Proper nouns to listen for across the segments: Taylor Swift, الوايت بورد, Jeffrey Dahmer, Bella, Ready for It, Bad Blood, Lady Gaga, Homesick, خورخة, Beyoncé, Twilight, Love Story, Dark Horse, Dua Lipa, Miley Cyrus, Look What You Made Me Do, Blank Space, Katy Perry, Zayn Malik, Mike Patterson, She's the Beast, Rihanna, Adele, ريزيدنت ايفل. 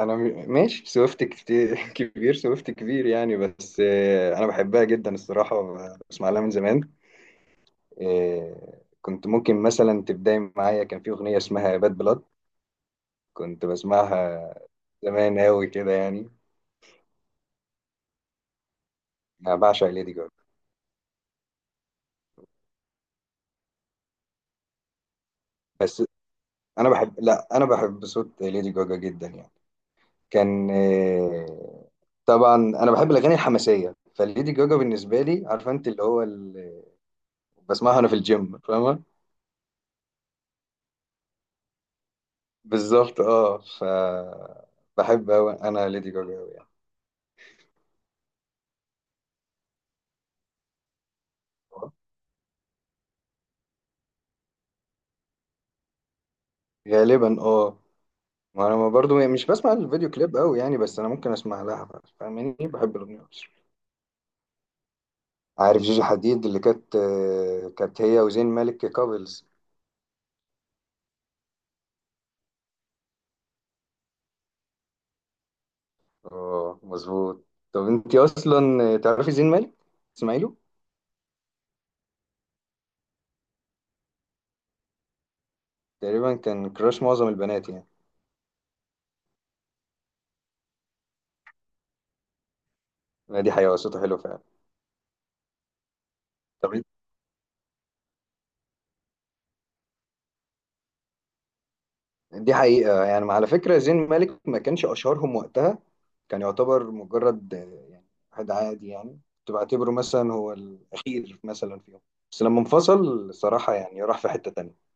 انا ماشي سويفت كتير كبير سويفت كبير يعني، بس انا بحبها جدا الصراحه. بسمع لها من زمان. كنت ممكن مثلا تبداي معايا، كان في اغنيه اسمها باد بلاد. كنت بسمعها زمان قوي كده يعني. انا بعشق ليدي جاجا. بس انا بحب لا انا بحب صوت ليدي جاجا جدا يعني. كان آه، طبعا انا بحب الاغاني الحماسيه، فليدي جاجا بالنسبه لي، عارفه انت، اللي هو اللي بسمعها انا في الجيم، فاهمه. بالظبط اه، بحب أوي انا ليدي جاجا أوي يعني. غالبا اه. ما انا برضو يعني مش بسمع الفيديو كليب قوي يعني، بس انا ممكن اسمع لها. فاهماني، بحب الاغنيه اكتر. عارف جيجي حديد، اللي كانت هي وزين مالك كابلز. اه مظبوط. طب انت اصلا تعرفي زين مالك؟ تسمعي له؟ تقريبا كان كراش معظم البنات يعني. ما دي حقيقه، صوته حلو فعلا. طب إنت- دي حقيقه، يعني على فكره زين مالك ما كانش اشهرهم وقتها. كان يعتبر مجرد يعني واحد عادي يعني، كنت بعتبره مثلا هو الأخير مثلا فيهم. بس لما انفصل صراحة يعني راح في حتة تانية.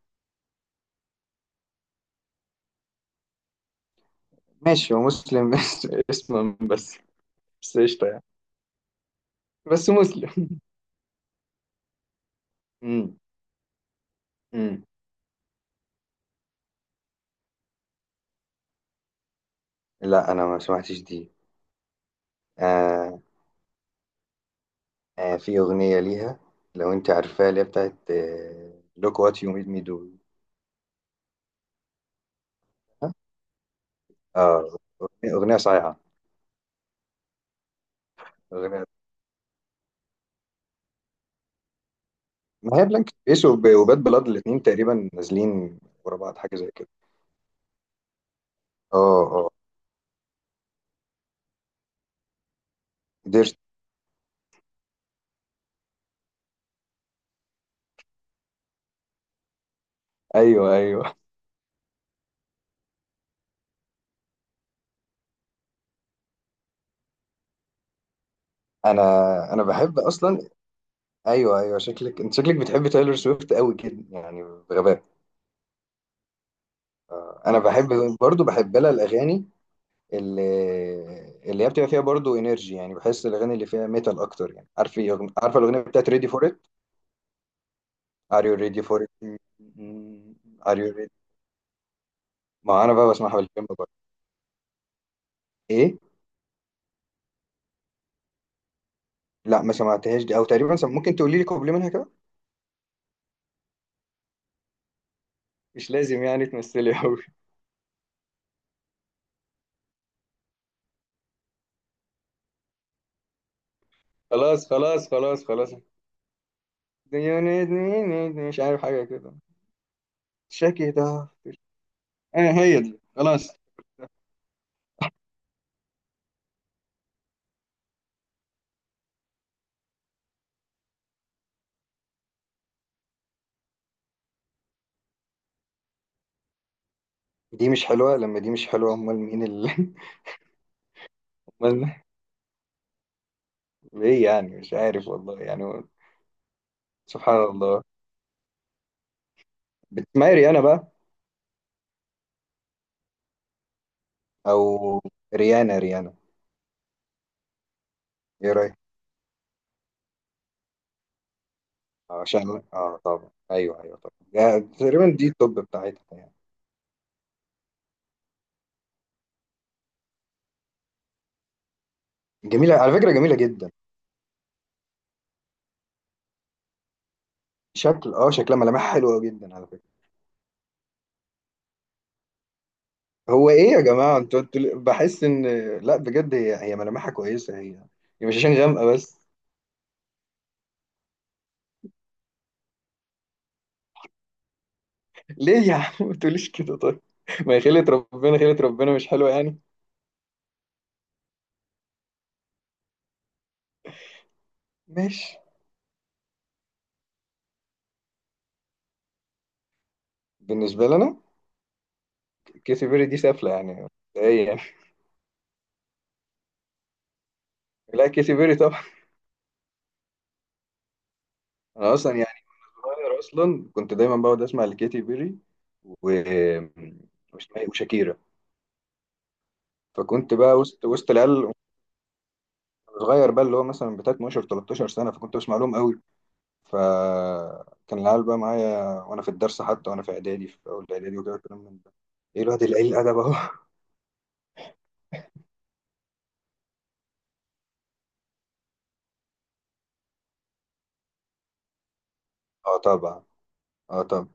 ماشي، هو مسلم بس اسما بس. بس قشطة يعني. بس مسلم. امم. امم. لا، أنا ما سمعتش دي. آه. في أغنية ليها، لو أنت عارفاها، اللي هي بتاعت Look what you made me do. اه، أغنية أغنية صايعة. أغنية ما هي بلانك سبيس وباد بلاد الاتنين تقريبا نازلين ورا بعض حاجة زي كده. اه اه، قدرت. ايوه ايوه، انا انا بحب اصلا. ايوه ايوه، شكلك بتحب تايلور سويفت قوي كده يعني، بغباء. انا بحب، برضو بحب لها الاغاني اللي اللي هي بتبقى فيها برضو انرجي يعني، بحس الاغاني اللي فيها ميتال اكتر يعني، عارف، عارفه الاغنيه بتاعت ريدي فور ات؟ ار يو ريدي فور ات؟ ار يو ريدي. ما انا بقى بسمعها بالكلمه برضه. ايه؟ لا ما سمعتهاش دي، او تقريبا ممكن تقولي لي كوبلي منها كده. مش لازم يعني تمثلي قوي. خلاص خلاص خلاص خلاص. ديونيزني، مش عارف حاجة كده، شاكي ده. اه هي دي، خلاص. دي مش حلوة؟ لما دي مش حلوة أمال مين اللي أمال؟ ليه يعني؟ مش عارف والله يعني. سبحان الله. بتسمعي ريانا بقى؟ أو ريانا، ريانا. إيه رأيك؟ عشان اه، طبعا أيوه أيوه طبعا، يعني تقريبا دي التوب بتاعتها يعني. جميلة على فكرة، جميلة جدا. شكلها ملامحها حلوة جدا على فكرة. هو إيه يا جماعة، أنتوا بحس إن، لا بجد هي ملامحها كويسة، هي. هي مش عشان غامقة بس. ليه يا عم ما تقوليش كده طيب. ما هي خيلة ربنا، خيلة ربنا مش حلوة يعني. ماشي. بالنسبة لنا كيسي بيري دي سافلة يعني. ايه يعني. لا كيسي بيري طبعا. انا اصلا يعني، صغير اصلا كنت دايما بقعد اسمع لكيتي بيري و واسمها إيه؟ وشاكيرا. فكنت بقى وسط وسط العيال، صغير بقى، اللي هو مثلا بتاع 12 13 سنة، فكنت بسمع لهم قوي. فكان العيال بقى معايا وانا في الدرس، حتى وانا في اعدادي، في اول اعدادي وكده، كلام من ده. ايه الواد القليل الادب اهو اه طبعا، اه طبعا.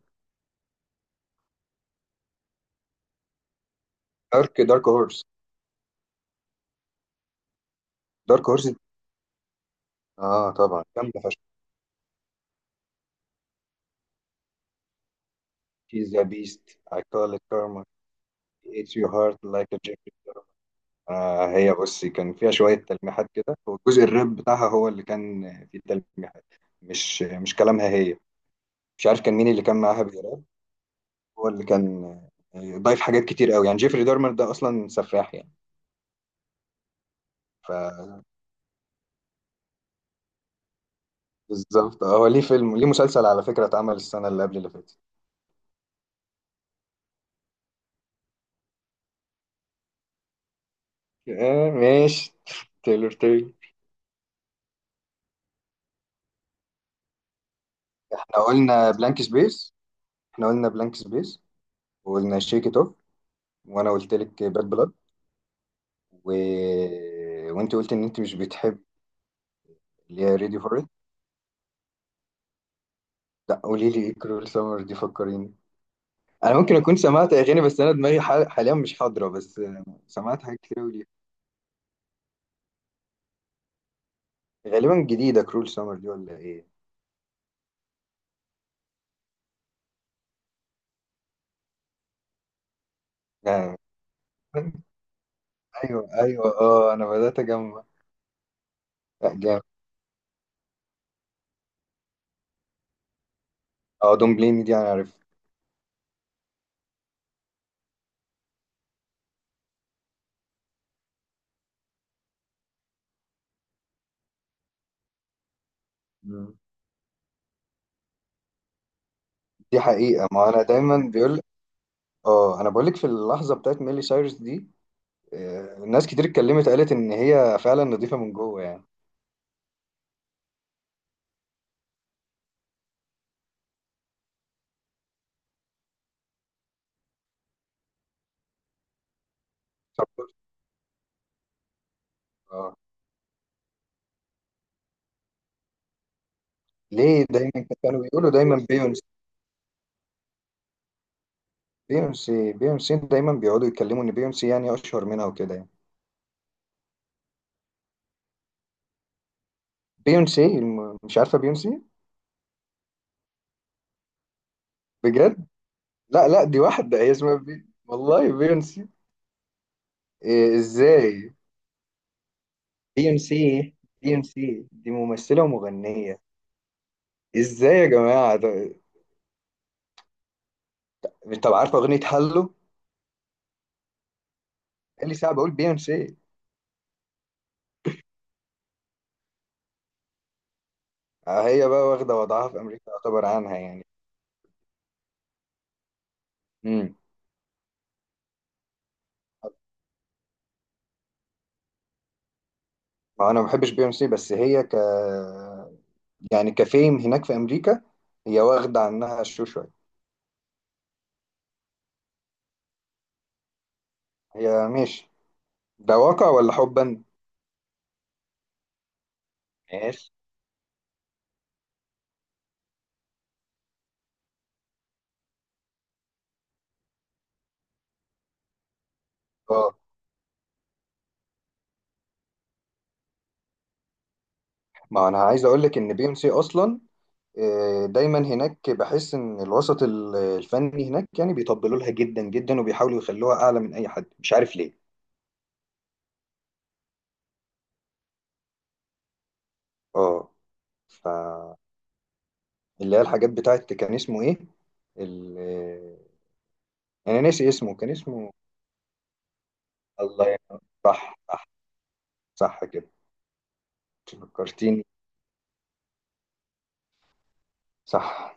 دارك هورس. دارك هورس، اه طبعا جامدة فشخ. شيز ذا بيست، I call it karma، it's your heart like a Jeffrey Dahmer. هي بصي، كان فيها شوية تلميحات كده، والجزء الراب بتاعها هو اللي كان فيه تلميحات، مش كلامها هي. مش عارف كان مين اللي كان معاها بيراب، هو اللي كان ضايف حاجات كتير قوي يعني، جيفري دارمر ده أصلا سفاح يعني. فبالظبط هو ليه فيلم، ليه مسلسل على فكرة اتعمل السنة اللي قبل اللي فاتت. آه ماشي تايلور تايلور. احنا قلنا بلانك سبيس، احنا قلنا بلانك سبيس، وقلنا شيك ات اوف، وانا قلت لك باد بلاد، و... وانت قلت ان انت مش بتحب، اللي هي ريدي فور ات. لا قولي لي، ايه كرول سمر دي؟ فكريني. انا ممكن اكون سمعت اغاني، بس انا دماغي حاليا مش حاضره بس، سمعت حاجات كتير قوي ليها. غالبا جديده كرول سمر دي ولا ايه؟ آه. ايوه ايوه، اه انا بدات اجمع. لا جامد. اه دون بليم دي انا عارف. مم. دي حقيقه، ما انا دايما بيقول. اه انا بقول لك، في اللحظه بتاعت ميلي سايرس دي ناس كتير اتكلمت قالت ان هي فعلا نظيفه من جوه يعني. طب. آه. ليه دايما كانوا بيقولوا دايما بيونسي؟ بيونسي بيونسي دايما بيقعدوا يتكلموا ان بيونسي يعني اشهر منها وكده يعني. بيونسي مش عارفه بيونسي؟ بجد؟ لا لا، دي واحده، هي اسمها والله بيونسي. إيه ازاي؟ بيونسي، بيونسي دي ممثله ومغنيه. ازاي يا جماعه ده... طب عارفه اغنيه هالو؟ قال لي ساعه بقول بيونسي. هي بقى واخده وضعها في امريكا، يعتبر عنها يعني. امم. ما انا ما بحبش بي ام سي، بس هي يعني كفيم هناك في امريكا، هي واخده عنها الشو شويه. هي ماشي. ده واقع ولا حبا؟ ماشي. اه، ما انا عايز اقول لك، ان بي ام سي اصلا دايما هناك، بحس ان الوسط الفني هناك يعني بيطبلوا لها جدا جدا، وبيحاولوا يخلوها اعلى من اي حد، مش عارف ليه. اه ف اللي هي الحاجات بتاعت، كان اسمه ايه؟ ال... آه، انا ناسي اسمه، كان اسمه الله يرحمه. صح صح. صح كده. فكرتيني. صح.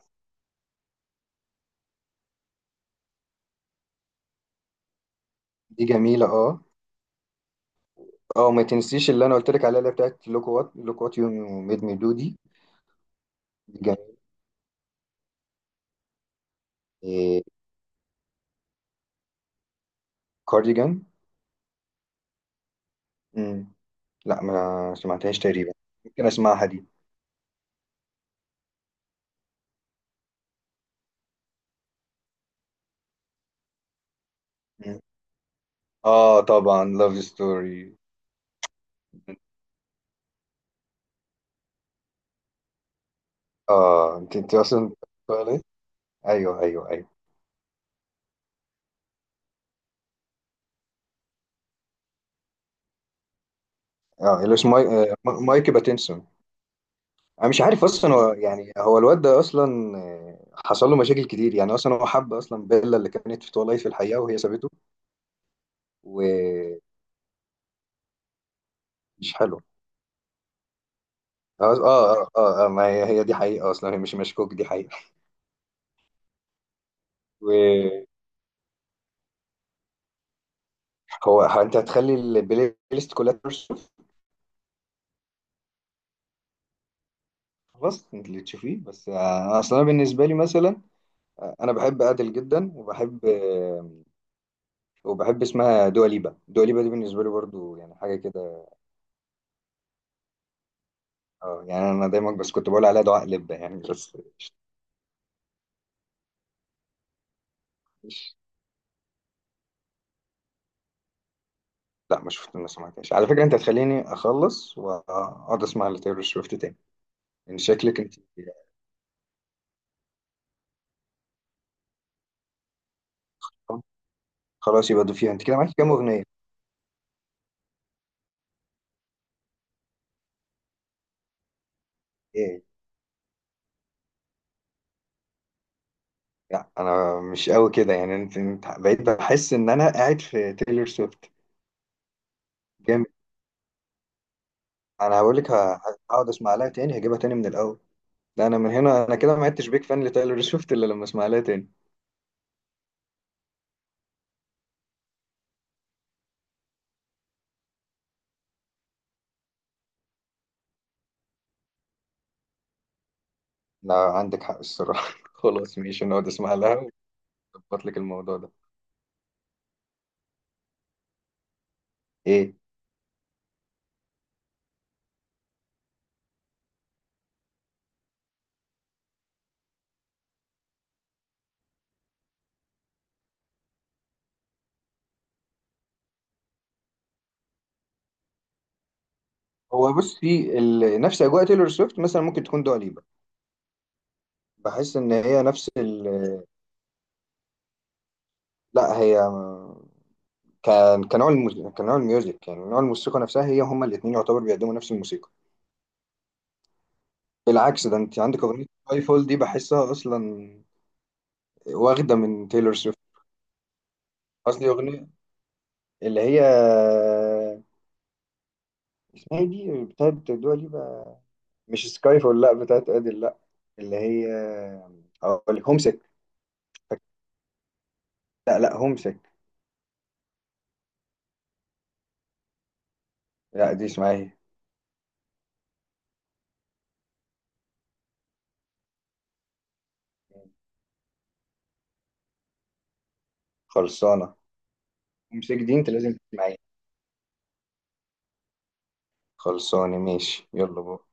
دي جميلة اه. اه، وما تنسيش اللي انا قلت لك عليها، اللي هي بتاعت لوك وات يو ميد مي دو دي. دي جميلة. إيه. كارديجان. مم. لا ما سمعتهاش تقريبا. ممكن اسمعها دي. مم. اه طبعا لاف ستوري. اه، انت اصلا بتقولي؟ ايوه ايوه ايوه. اه، اللي اسمه مايك باتنسون. انا مش عارف اصلا، هو يعني هو الواد ده اصلا حصل له مشاكل كتير يعني، اصلا هو حب اصلا بيلا اللي كانت في تولايت في الحقيقه وهي سابته، ومش حلو. اه اه اه، ما هي دي حقيقة اصلا، هي مش مشكوك، دي حقيقة. وهو انت هتخلي البلاي ليست كلها ترشف؟ خلاص انت اللي تشوفيه بس، اصلا أنا بالنسبة لي مثلا انا بحب ادل جدا، وبحب وبحب اسمها دوا ليبا، دوا ليبا دي بالنسبة لي برضو يعني حاجة كده. اه يعني، انا دايما بس كنت بقول عليها دعاء لبة يعني بس. لا ما شفت، ما سمعتهاش على فكرة، انت هتخليني اخلص واقعد اسمع لتايلور سويفت تاني، ان شكلك انت. خلاص يبقى دو فيها. انت كده معاكي كام اغنية؟ إيه؟ لا انا مش قوي كده يعني، انت بقيت بحس ان انا قاعد في تايلور سويفت. جامد. انا هقول لك، هقعد اسمع لها تاني، هجيبها تاني من الاول. لا انا من هنا، انا كده ما عدتش بيك فان لتايلور سويفت الا لما اسمع لها تاني. لا عندك حق الصراحه خلاص ماشي نقعد اسمع لها، واظبط لك الموضوع ده. ايه. هو بصي، نفس اجواء تايلور سويفت مثلا ممكن تكون دوا ليبا. بحس ان هي نفس لا هي، كنوع الموسيقى، كنوع الميوزك، يعني نوع الموسيقى نفسها هي، هما الاثنين يعتبر بيقدموا نفس الموسيقى. بالعكس، ده انت عندك اغنيه سكاي فول دي بحسها اصلا واخده من تايلور سويفت. قصدي اغنيه، اللي هي اسمها ايه دي بتاعت دوا ليبا، مش سكاي فول، لا بتاعت ادل لا، اللي هي، اقول لك هومسك. لا لا، هومسك. لا دي اسمها ايه. خلصانه. هومسك دي انت لازم تسمعيها. خلصانه ماشي، يلا بقى.